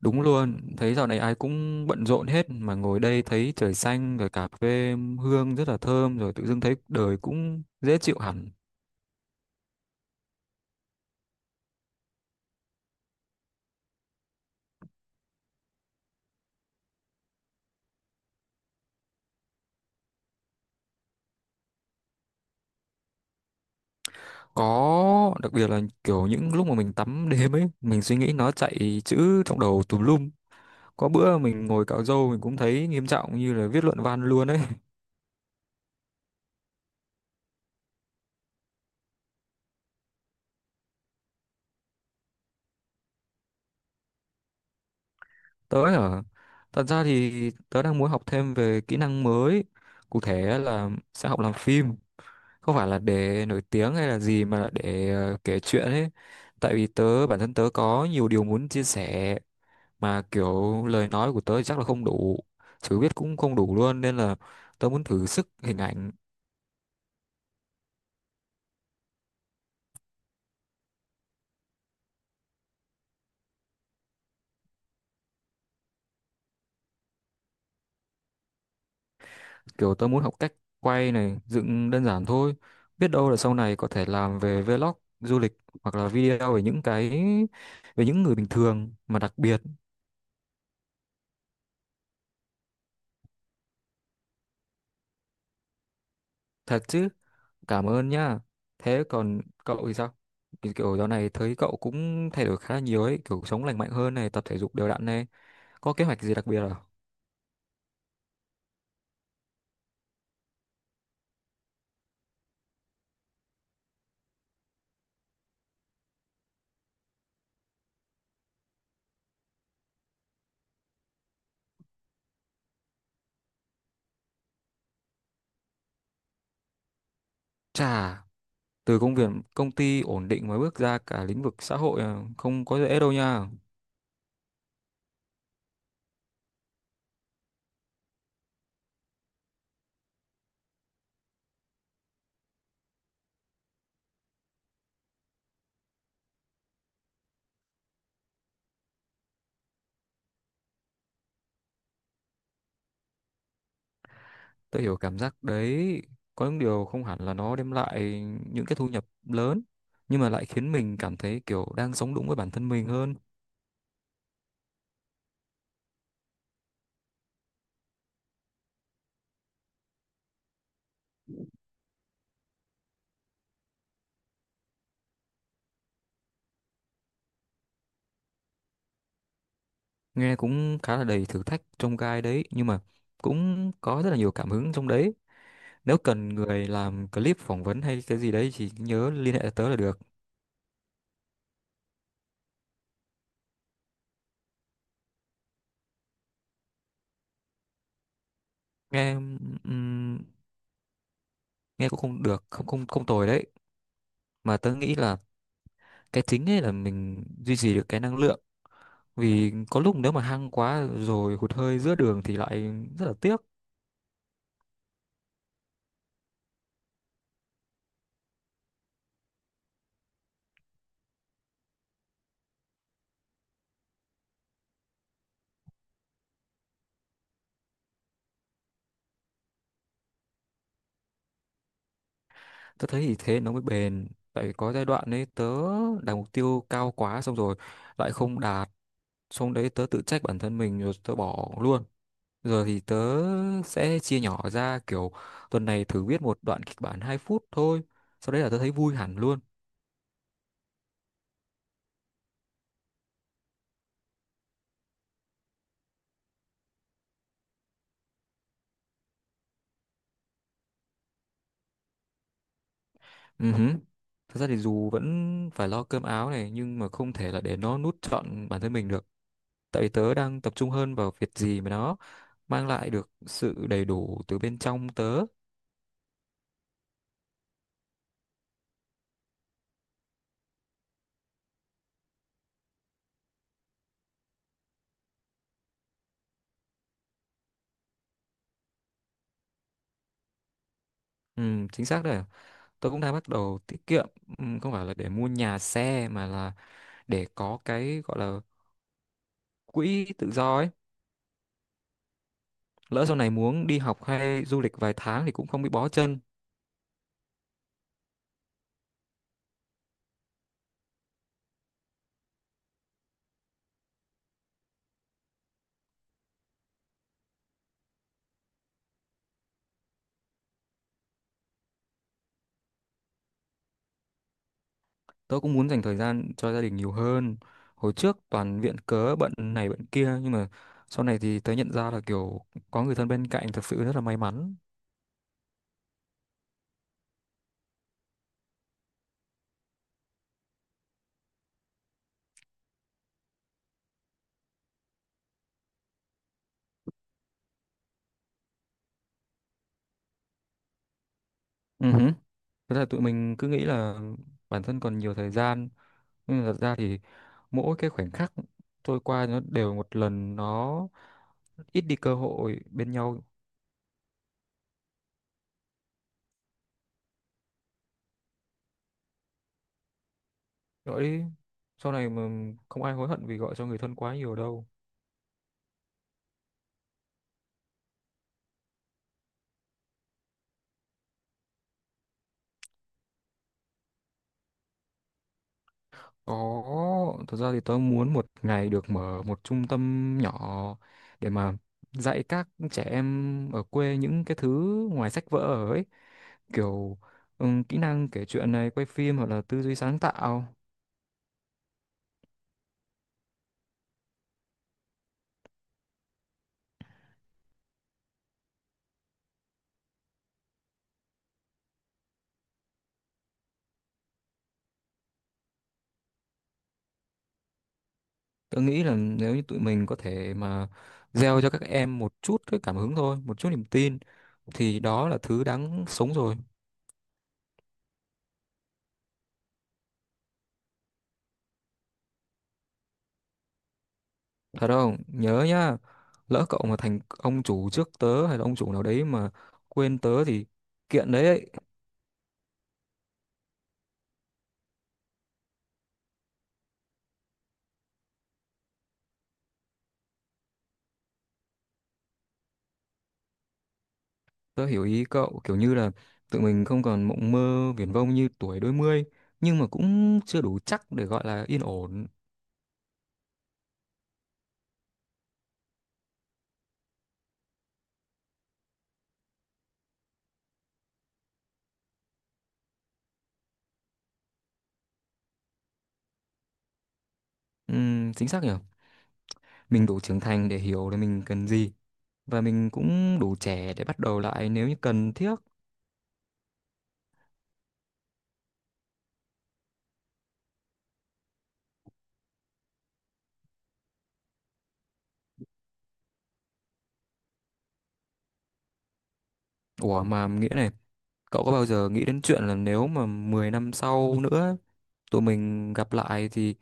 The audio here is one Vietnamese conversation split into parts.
Đúng luôn, thấy dạo này ai cũng bận rộn hết mà ngồi đây thấy trời xanh rồi cà phê hương rất là thơm rồi tự dưng thấy đời cũng dễ chịu hẳn. Có đặc biệt là kiểu những lúc mà mình tắm đêm ấy, mình suy nghĩ nó chạy chữ trong đầu tùm lum. Có bữa mình ngồi cạo râu mình cũng thấy nghiêm trọng như là viết luận văn luôn ấy. Tớ ở Thật ra thì tớ đang muốn học thêm về kỹ năng mới, cụ thể là sẽ học làm phim. Không phải là để nổi tiếng hay là gì mà là để kể chuyện ấy, tại vì bản thân tớ có nhiều điều muốn chia sẻ, mà kiểu lời nói của tớ thì chắc là không đủ, chữ viết cũng không đủ luôn, nên là tớ muốn thử sức hình ảnh. Kiểu tớ muốn học cách quay này, dựng đơn giản thôi, biết đâu là sau này có thể làm về vlog du lịch, hoặc là video về những cái, về những người bình thường mà đặc biệt. Thật chứ? Cảm ơn nhá. Thế còn cậu thì sao? Kiểu kiểu dạo này thấy cậu cũng thay đổi khá là nhiều ấy, kiểu sống lành mạnh hơn này, tập thể dục đều đặn này. Có kế hoạch gì đặc biệt à? Chà, từ công việc công ty ổn định mới bước ra cả lĩnh vực xã hội à, không có dễ đâu nha. Tôi hiểu cảm giác đấy, có những điều không hẳn là nó đem lại những cái thu nhập lớn, nhưng mà lại khiến mình cảm thấy kiểu đang sống đúng với bản thân mình hơn. Nghe cũng khá là đầy thử thách trong gai đấy, nhưng mà cũng có rất là nhiều cảm hứng trong đấy. Nếu cần người làm clip phỏng vấn hay cái gì đấy thì nhớ liên hệ tớ là được. Nghe ừm, nghe cũng không được, không không không tồi đấy. Mà tớ nghĩ là cái chính ấy là mình duy trì được cái năng lượng. Vì có lúc nếu mà hăng quá rồi hụt hơi giữa đường thì lại rất là tiếc. Tớ thấy thì thế nó mới bền. Tại vì có giai đoạn ấy tớ đặt mục tiêu cao quá xong rồi lại không đạt. Xong đấy tớ tự trách bản thân mình rồi tớ bỏ luôn. Giờ thì tớ sẽ chia nhỏ ra, kiểu tuần này thử viết một đoạn kịch bản 2 phút thôi. Sau đấy là tớ thấy vui hẳn luôn. Ừ hứ. Thật ra thì dù vẫn phải lo cơm áo này nhưng mà không thể là để nó nuốt trọn bản thân mình được. Tại vì tớ đang tập trung hơn vào việc gì mà nó mang lại được sự đầy đủ từ bên trong tớ. Ừ, chính xác đấy. Tớ cũng đang bắt đầu tiết kiệm, ừ, không phải là để mua nhà xe mà là để có cái gọi là quỹ tự do ấy. Lỡ sau này muốn đi học hay du lịch vài tháng thì cũng không bị bó chân. Tớ cũng muốn dành thời gian cho gia đình nhiều hơn, hồi trước toàn viện cớ bận này bận kia nhưng mà sau này thì tớ nhận ra là kiểu có người thân bên cạnh thật sự rất là may mắn. Ừ hứ. Thế là tụi mình cứ nghĩ là bản thân còn nhiều thời gian, nhưng mà thật ra thì mỗi cái khoảnh khắc trôi qua nó đều một lần nó ít đi cơ hội bên nhau. Rồi sau này mà, không ai hối hận vì gọi cho người thân quá nhiều đâu. Có, thật ra thì tớ muốn một ngày được mở một trung tâm nhỏ để mà dạy các trẻ em ở quê những cái thứ ngoài sách vở ấy, kiểu kỹ năng kể chuyện này, quay phim, hoặc là tư duy sáng tạo. Tớ nghĩ là nếu như tụi mình có thể mà gieo cho các em một chút cái cảm hứng thôi, một chút niềm tin, thì đó là thứ đáng sống rồi. Thật không? Nhớ nhá, lỡ cậu mà thành ông chủ trước tớ hay là ông chủ nào đấy mà quên tớ thì kiện đấy. Tớ hiểu ý cậu, kiểu như là tụi mình không còn mộng mơ viển vông như tuổi đôi mươi, nhưng mà cũng chưa đủ chắc để gọi là yên ổn. Chính xác nhỉ? Mình đủ trưởng thành để hiểu là mình cần gì, và mình cũng đủ trẻ để bắt đầu lại nếu như cần thiết. Ủa mà nghĩa này, cậu có bao giờ nghĩ đến chuyện là nếu mà 10 năm sau nữa tụi mình gặp lại thì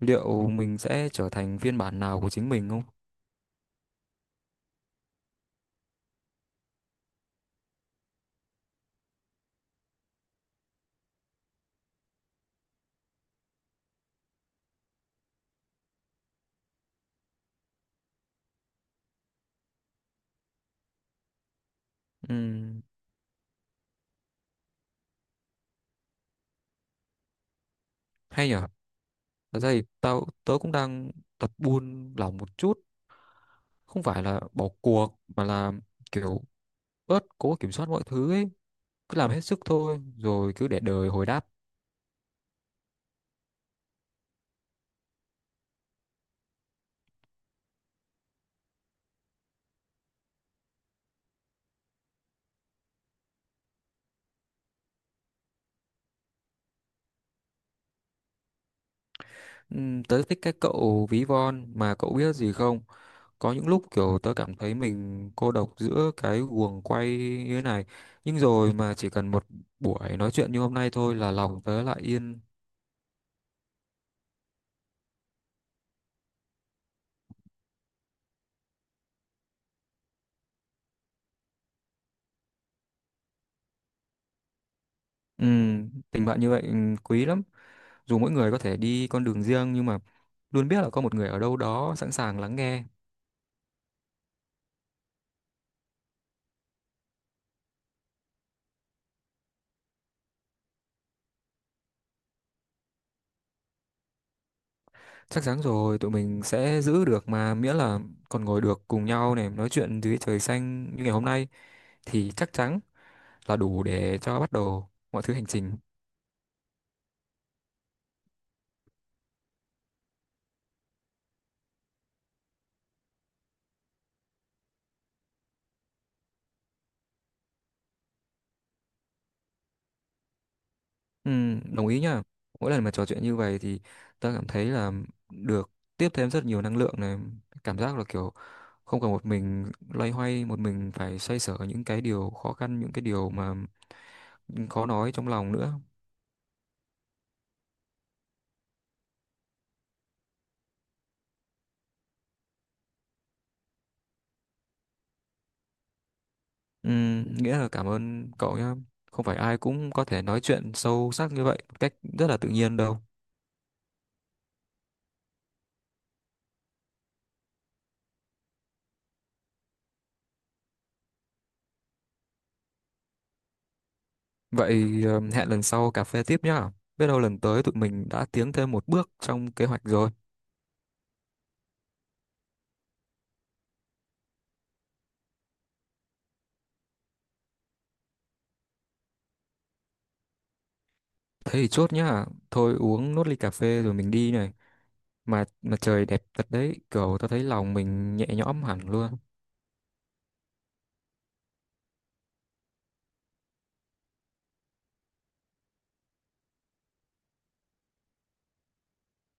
liệu mình sẽ trở thành phiên bản nào của chính mình không? Ừm, hay nhỉ? Thật ra thì tớ cũng đang tập buôn lòng một chút, không phải là bỏ cuộc mà là kiểu bớt cố kiểm soát mọi thứ ấy, cứ làm hết sức thôi rồi cứ để đời hồi đáp. Tớ thích cái cậu ví von. Mà cậu biết gì không, có những lúc kiểu tớ cảm thấy mình cô độc giữa cái guồng quay như thế này, nhưng rồi mà chỉ cần một buổi nói chuyện như hôm nay thôi là lòng tớ lại yên. Tình bạn như vậy quý lắm, dù mỗi người có thể đi con đường riêng nhưng mà luôn biết là có một người ở đâu đó sẵn sàng lắng nghe. Chắc chắn rồi, tụi mình sẽ giữ được mà, miễn là còn ngồi được cùng nhau này, nói chuyện dưới trời xanh như ngày hôm nay, thì chắc chắn là đủ để cho bắt đầu mọi thứ hành trình. Ừ, đồng ý nhá. Mỗi lần mà trò chuyện như vậy thì ta cảm thấy là được tiếp thêm rất nhiều năng lượng này, cảm giác là kiểu không còn một mình loay hoay, một mình phải xoay sở những cái điều khó khăn, những cái điều mà khó nói trong lòng nữa. Nghĩa là cảm ơn cậu nhé. Không phải ai cũng có thể nói chuyện sâu sắc như vậy một cách rất là tự nhiên đâu. Vậy hẹn lần sau cà phê tiếp nhá. Biết đâu lần tới tụi mình đã tiến thêm một bước trong kế hoạch rồi. Thế thì chốt nhá. Thôi uống nốt ly cà phê rồi mình đi này. Mà trời đẹp thật đấy, kiểu tao thấy lòng mình nhẹ nhõm hẳn luôn.